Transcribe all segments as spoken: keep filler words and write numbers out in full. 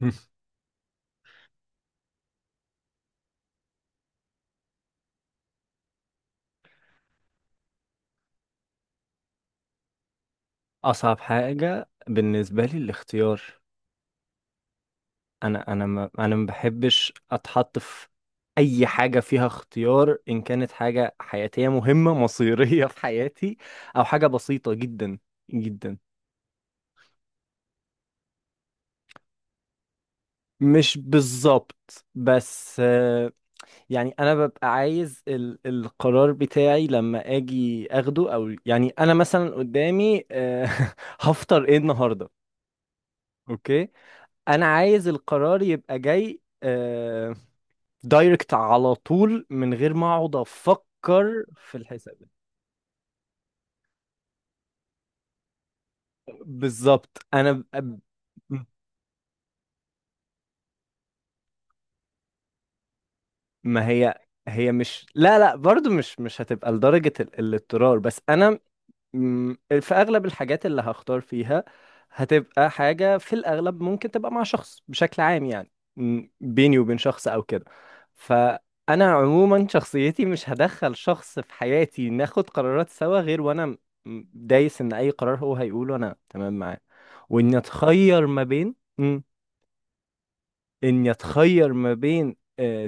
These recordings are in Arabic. اصعب حاجه بالنسبه لي الاختيار. انا انا ما انا ما بحبش اتحط في اي حاجه فيها اختيار، ان كانت حاجه حياتيه مهمه مصيريه في حياتي او حاجه بسيطه جدا جدا. مش بالظبط، بس آه، يعني انا ببقى عايز ال القرار بتاعي لما اجي اخده، او يعني انا مثلا قدامي آه، هفطر ايه النهارده؟ اوكي، انا عايز القرار يبقى جاي آه، دايركت على طول من غير ما اقعد افكر في الحساب. بالظبط انا ب... ب- ما هي هي مش، لا لا برضو، مش مش هتبقى لدرجة ال- الاضطرار، بس انا مم، في اغلب الحاجات اللي هختار فيها هتبقى حاجة في الاغلب، ممكن تبقى مع شخص بشكل عام، يعني مم، بيني وبين شخص او كده. فانا عموما شخصيتي مش هدخل شخص في حياتي ناخد قرارات سوا غير وانا م- دايس ان اي قرار هو هيقوله انا تمام معاه، واني اتخير ما بين مم، اني اتخير ما بين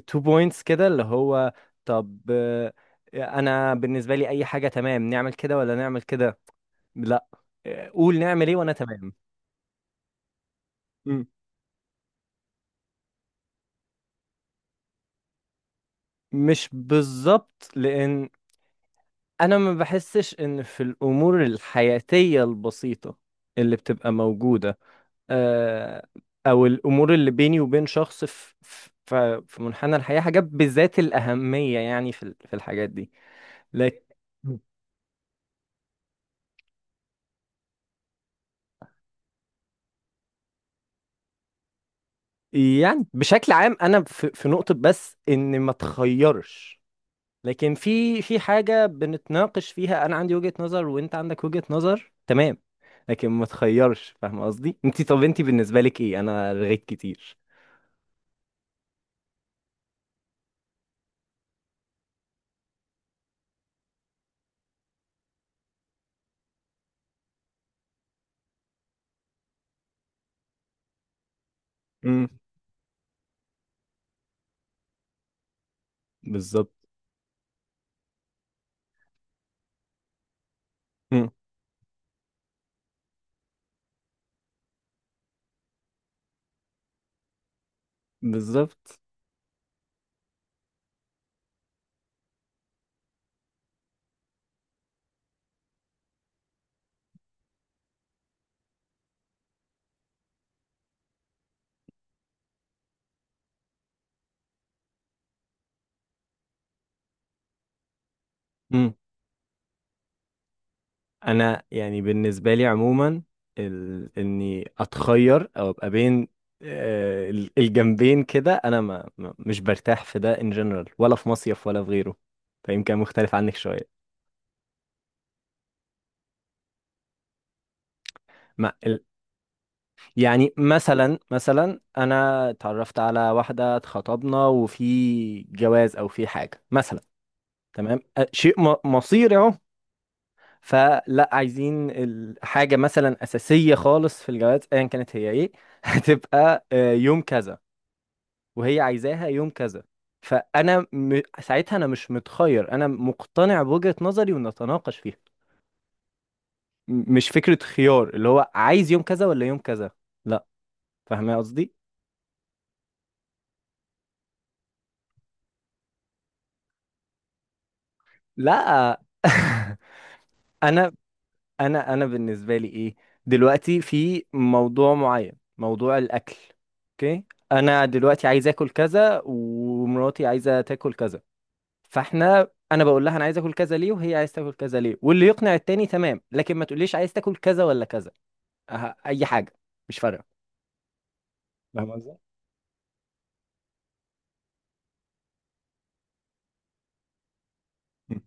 تو بوينتس كده، اللي هو طب آه، انا بالنسبة لي اي حاجة تمام، نعمل كده ولا نعمل كده، لا، آه، قول نعمل ايه وانا تمام. مم. مش بالظبط، لان انا ما بحسش ان في الامور الحياتيه البسيطه اللي بتبقى موجوده، آه، او الامور اللي بيني وبين شخص، في في في منحنى الحياه حاجات بذات الاهميه، يعني في ال- في الحاجات دي، لكن. مم. يعني بشكل عام انا في في نقطه، بس ان ما تخيرش، لكن في في حاجة بنتناقش فيها، انا عندي وجهة نظر وانت عندك وجهة نظر، تمام، لكن ما تخيرش. فاهم قصدي؟ انت طب انت بالنسبة لك ايه؟ انا رغيت كتير. امم. بالظبط. امم. بالظبط. امم. انا يعني بالنسبه لي عموما، ال... اني اتخير او ابقى بين آه، ال- الجنبين كده، انا ما... ما مش برتاح في ده، ان جنرال ولا في مصيف ولا في غيره، فيمكن مختلف عنك شويه. مع يعني مثلا مثلا انا اتعرفت على واحده، اتخطبنا، وفي جواز او في حاجه مثلا، تمام، أ- شيء م- مصيري اهو، فلا عايزين الحاجه مثلا اساسيه خالص في الجواز، ايا كانت هي ايه، هتبقى آه، يوم كذا وهي عايزاها يوم كذا، فانا م... ساعتها انا مش متخير، انا مقتنع بوجهه نظري ونتناقش فيها، م- مش فكره خيار اللي هو عايز يوم كذا ولا يوم كذا، لا. فاهمه قصدي؟ لا. انا انا انا بالنسبه لي ايه، دلوقتي في موضوع معين، موضوع الاكل، اوكي، انا دلوقتي عايز اكل كذا ومراتي عايزه تاكل كذا، فاحنا انا بقول لها انا عايز اكل كذا ليه وهي عايز تاكل كذا ليه واللي يقنع التاني تمام، لكن ما تقوليش عايز تاكل كذا ولا كذا، أه اي حاجه، مش فارقه. فاهم قصدي؟ مم.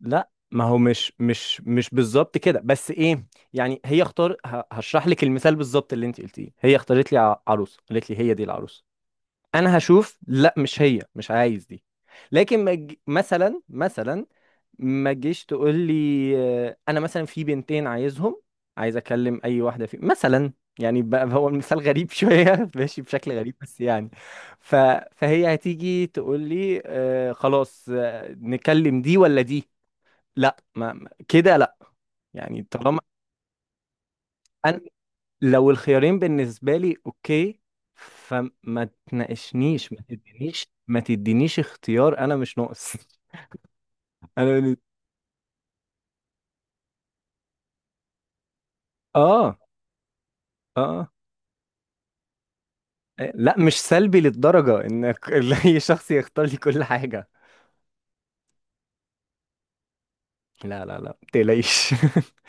لا ما هو مش مش مش بالظبط كده، بس ايه، يعني هي اختار ه- هشرح لك المثال بالظبط اللي انت قلتيه، هي اختارت لي ع- عروسه، قالت لي هي دي العروسه، انا هشوف، لا مش هي، مش عايز دي، لكن ما تج- مثلا مثلا ما تجيش تقول لي آه، انا مثلا في بنتين عايزهم، عايز اكلم اي واحده فيهم مثلا. يعني بقى هو المثال غريب شويه، ماشي بشكل غريب بس يعني، ف... فهي هتيجي تقول لي آه خلاص آه، نكلم دي ولا دي، لا ما ما- كده لا، يعني طالما، أنا- لو الخيارين بالنسبة لي اوكي، فما تناقشنيش، ما تدينيش ما تدينيش اختيار، انا مش ناقص. انا بن- اه. اه. إيه، لا مش سلبي للدرجة انك اي شخص يختار لي كل حاجة. لا لا لا، متقلقيش.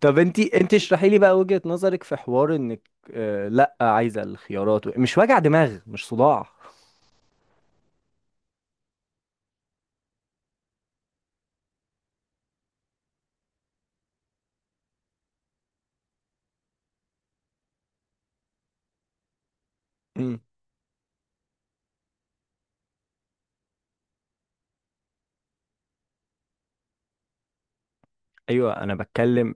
طب انتي انتي اشرحي لي بقى وجهة نظرك في حوار انك، آه لا عايزة الخيارات، مش وجع دماغ، مش صداع. أمم، ايوه، انا بتكلم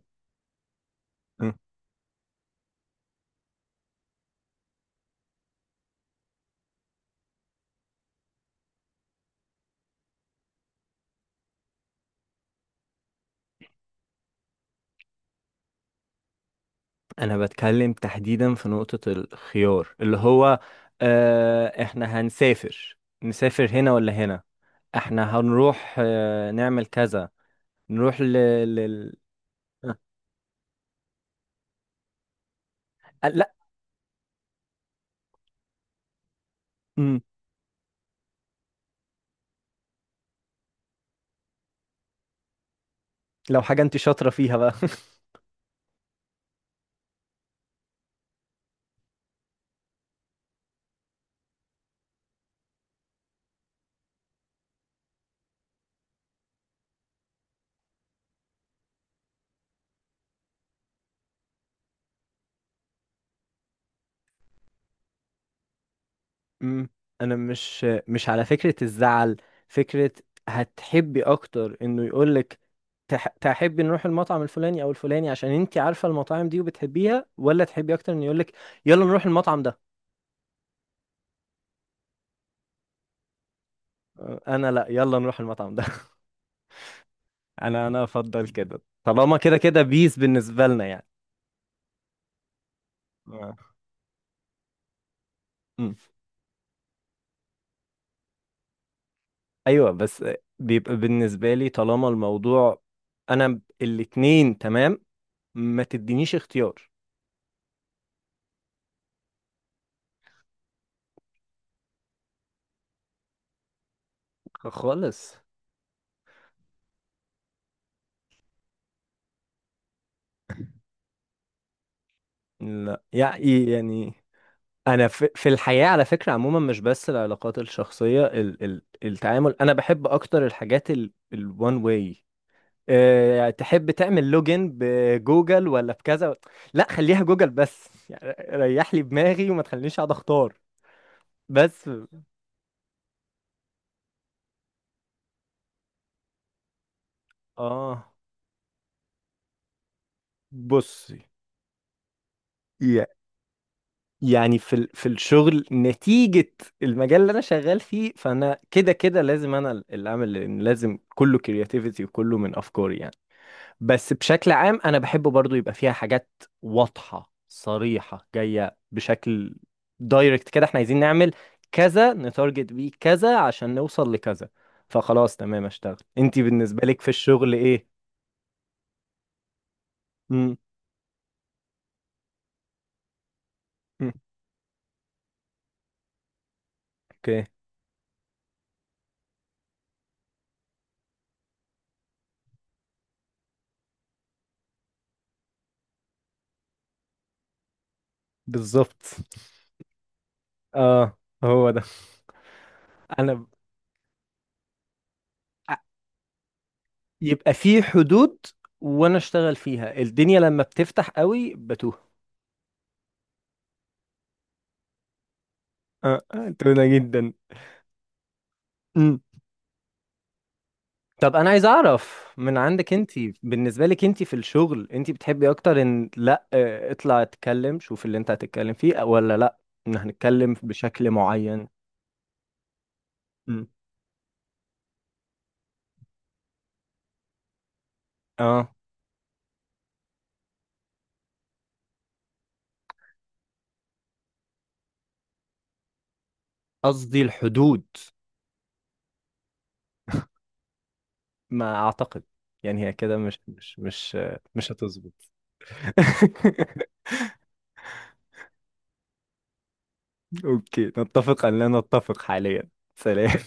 انا بتكلم تحديدا في نقطة الخيار، اللي هو آه احنا هنسافر، نسافر هنا ولا هنا، احنا هنروح آه نعمل كذا، نروح ل... لل... آه لا. مم. لو حاجة انت شاطرة فيها بقى. مم. انا مش مش على فكرة الزعل، فكرة، هتحبي اكتر انه يقولك تح... تحبي نروح المطعم الفلاني او الفلاني عشان انت عارفة المطاعم دي وبتحبيها، ولا تحبي اكتر انه يقولك يلا نروح المطعم ده؟ آه، انا لا، يلا نروح المطعم ده، انا انا افضل كده طالما كده كده بيس بالنسبه لنا يعني. آه. مم. ايوه بس، بيبقى بالنسبه لي طالما الموضوع انا ب- الاتنين تمام، ما تدينيش اختيار خالص. لا، يعني يعني انا في في الحياه على فكره عموما، مش بس العلاقات الشخصيه، ال ال التعامل، انا بحب اكتر الحاجات ال ال one way. آه، تحب تعمل لوجن بجوجل ولا بكذا؟ لا، خليها جوجل بس، يعني ريح لي دماغي وما تخلينيش اقعد اختار. بس. اه. بصي، يا- يعني في ال- في الشغل، نتيجة المجال اللي انا شغال فيه، فانا كده كده لازم انا اللي اعمل، لأن لازم كله كرياتيفيتي وكله من افكاري يعني. بس بشكل عام انا بحب برضو يبقى فيها حاجات واضحة صريحة، جاية بشكل دايركت كده، احنا عايزين نعمل كذا، نتارجت بيه كذا عشان نوصل لكذا، فخلاص تمام اشتغل. انتي بالنسبة لك في الشغل ايه؟ امم. اوكي. بالظبط. اه، هو ده. انا ب- أ- يبقى في حدود وانا اشتغل فيها، الدنيا لما بتفتح قوي بتوه. اه آه، تونه جدا. طب انا عايز اعرف من عندك انت، بالنسبه لك انت في الشغل، انت بتحبي اكتر ان لا اه، اطلع اتكلم شوف اللي انت هتتكلم فيه، ولا لا، ان هنتكلم بشكل معين؟ مم. اه. قصدي الحدود. ما اعتقد، يعني هي كده مش مش مش اه، مش هتظبط. اوكي، نتفق ان لا نتفق حاليا. سلام.